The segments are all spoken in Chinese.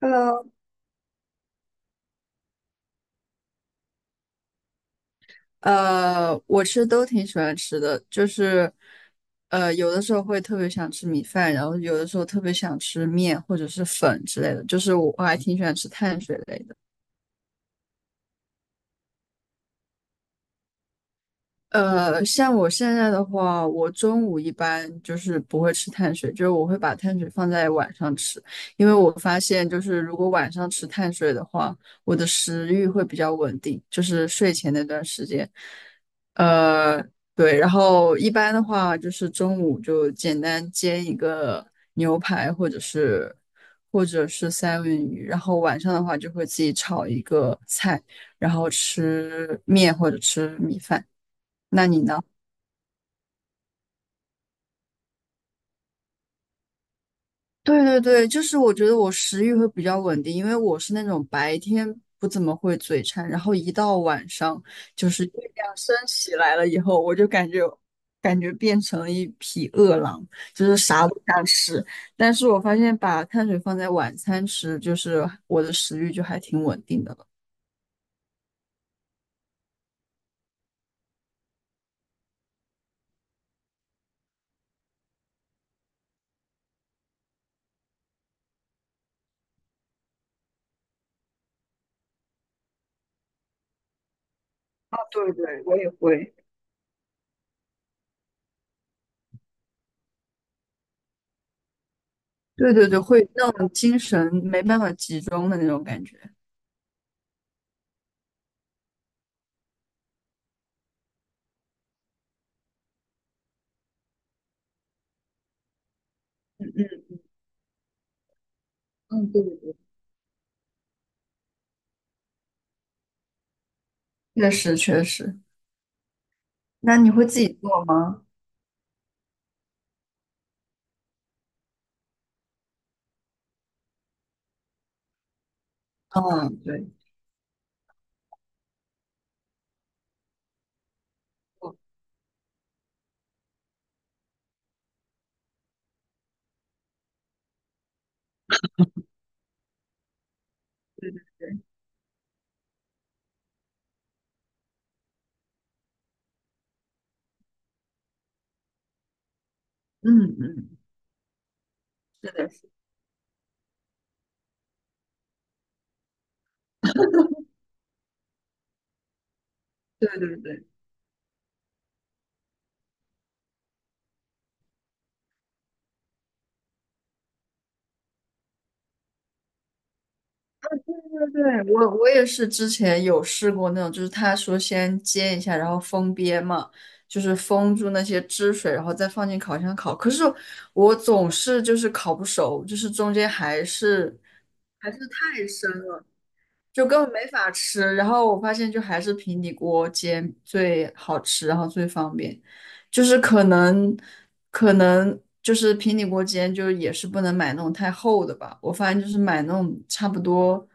Hello，我其实都挺喜欢吃的，就是，有的时候会特别想吃米饭，然后有的时候特别想吃面或者是粉之类的，就是我还挺喜欢吃碳水类的。像我现在的话，我中午一般就是不会吃碳水，就是我会把碳水放在晚上吃，因为我发现就是如果晚上吃碳水的话，我的食欲会比较稳定，就是睡前那段时间。呃，对，然后一般的话就是中午就简单煎一个牛排或者是三文鱼，然后晚上的话就会自己炒一个菜，然后吃面或者吃米饭。那你呢？对对对，就是我觉得我食欲会比较稳定，因为我是那种白天不怎么会嘴馋，然后一到晚上就是月亮升起来了以后，我就感觉变成了一匹饿狼，就是啥都想吃。但是我发现把碳水放在晚餐吃，就是我的食欲就还挺稳定的了。啊，对对，我也会。对对对，会那种精神没办法集中的那种感觉。嗯，对对对。确实确实，那你会自己做吗？嗯，对，哦，对，嗯嗯，是的，是的。对对对，对对对，我也是之前有试过那种，就是他说先煎一下，然后封边嘛，就是封住那些汁水，然后再放进烤箱烤。可是我总是就是烤不熟，就是中间还是。太就根本没法吃。然后我发现，就还是平底锅煎最好吃，然后最方便。就是可能，可能就是平底锅煎，就也是不能买那种太厚的吧。我发现就是买那种差不多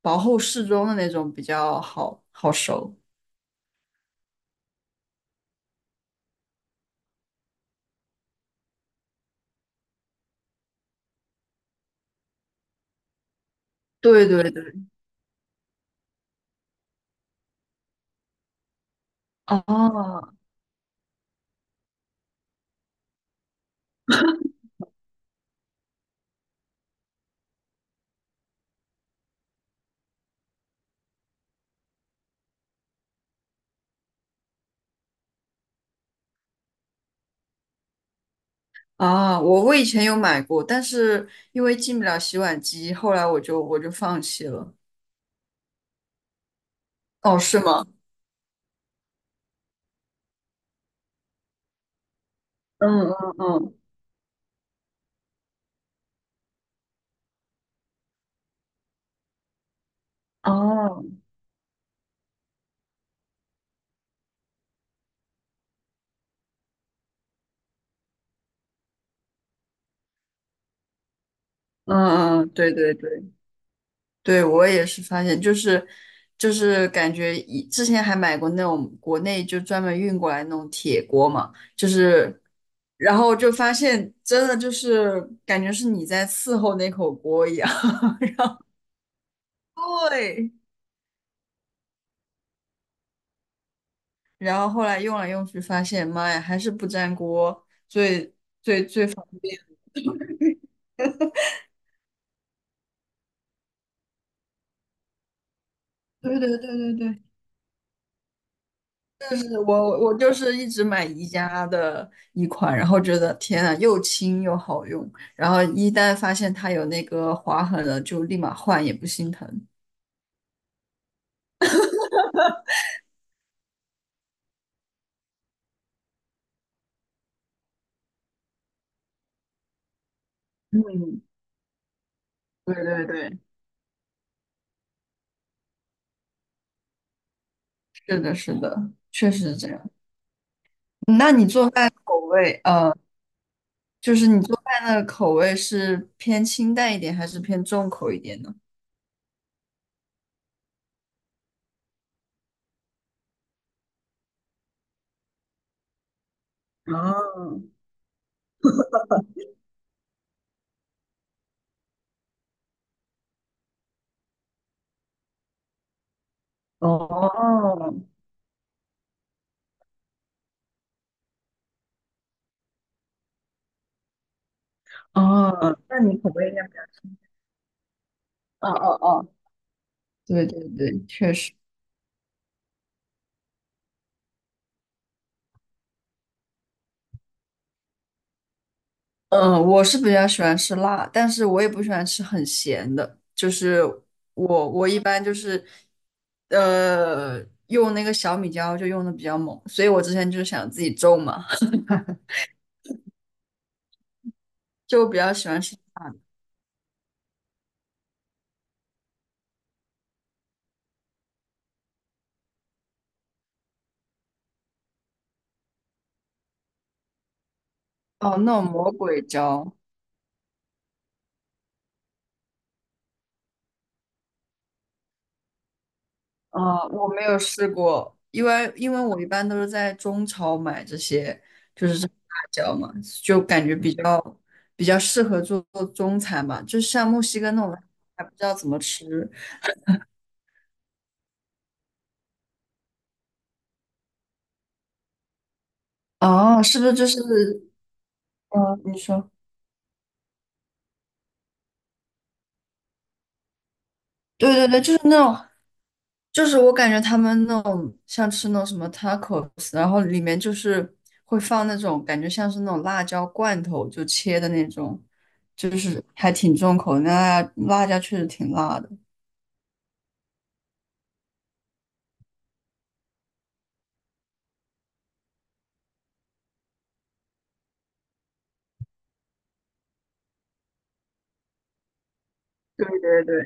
薄厚适中的那种比较好熟。对对对，哦啊，我以前有买过，但是因为进不了洗碗机，后来我就放弃了。哦，是吗？嗯嗯嗯，哦，嗯嗯，对对对。对，我也是发现，就是就是感觉以之前还买过那种国内就专门运过来那种铁锅嘛，就是然后就发现真的就是感觉是你在伺候那口锅一样。对，然后后来用来用去发现，妈呀，还是不粘锅。所以，对对对对对，是我就是一直买宜家的一款，然后觉得天呐，又轻又好用，然后一旦发现它有那个划痕了，就立马换，也不心疼。嗯，对对对，是的，是的，确实是这样。那你做饭口味，就是你做饭的口味是偏清淡一点，还是偏重口一点呢？啊，哦，哦，那你口味应该比较……哦哦哦，对对对，确实。嗯，我是比较喜欢吃辣，但是我也不喜欢吃很咸的。就是我一般就是，呃，用那个小米椒就用的比较猛，所以我之前就是想自己种嘛。就我比较喜欢吃哦那种魔鬼椒，呃，我没有试过，因为我一般都是在中超买这些，就是这种辣椒嘛，就感觉比较适合做做中餐吧，就像墨西哥那种还不知道怎么吃哦，是不是就是嗯、你说。对对对，就是那种，就是我感觉他们那种像吃那种什么 tacos,然后里面就是会放那种感觉像是那种辣椒罐头，就切的那种，就是还挺重口的，那辣椒确实挺辣的。对对对对，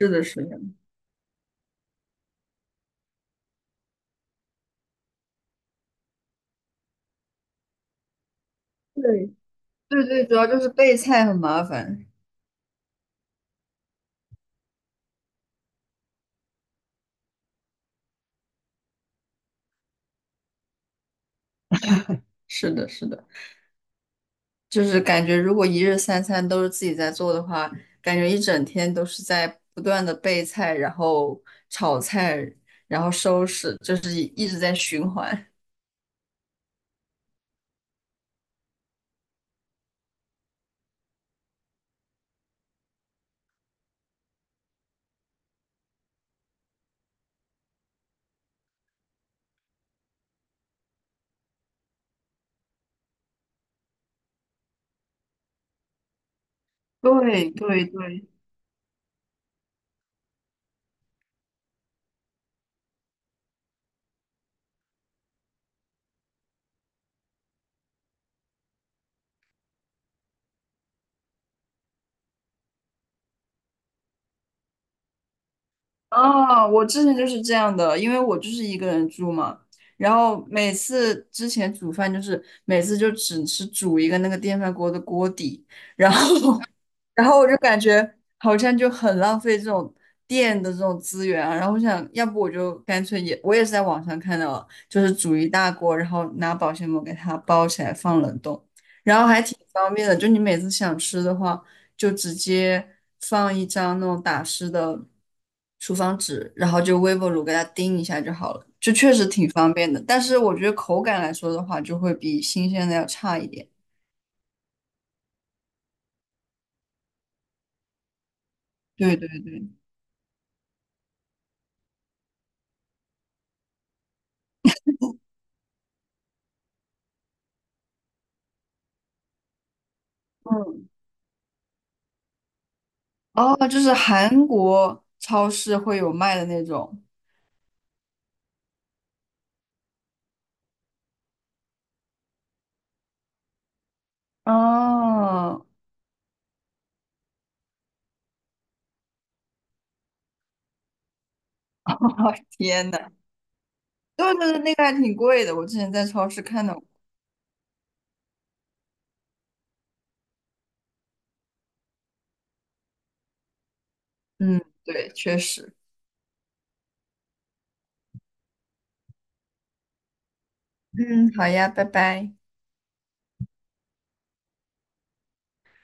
是的，是的。对对对，主要就是备菜很麻烦。是的，是的。就是感觉如果一日三餐都是自己在做的话，感觉一整天都是在不断的备菜，然后炒菜，然后收拾，就是一直在循环。对对对，啊，我之前就是这样的，因为我就是一个人住嘛，然后每次之前煮饭就是每次就只是煮一个那个电饭锅的锅底，然后我就感觉好像就很浪费这种电的这种资源啊。然后我想要不我就干脆也，我也是在网上看到了就是煮一大锅，然后拿保鲜膜给它包起来放冷冻，然后还挺方便的。就你每次想吃的话，就直接放一张那种打湿的厨房纸，然后就微波炉给它叮一下就好了，就确实挺方便的。但是我觉得口感来说的话，就会比新鲜的要差一点。对对对，嗯。哦，就是韩国超市会有卖的那种。哦，天呐，对对对，那个还挺贵的，我之前在超市看到过。嗯，对，确实。嗯，好呀，拜拜。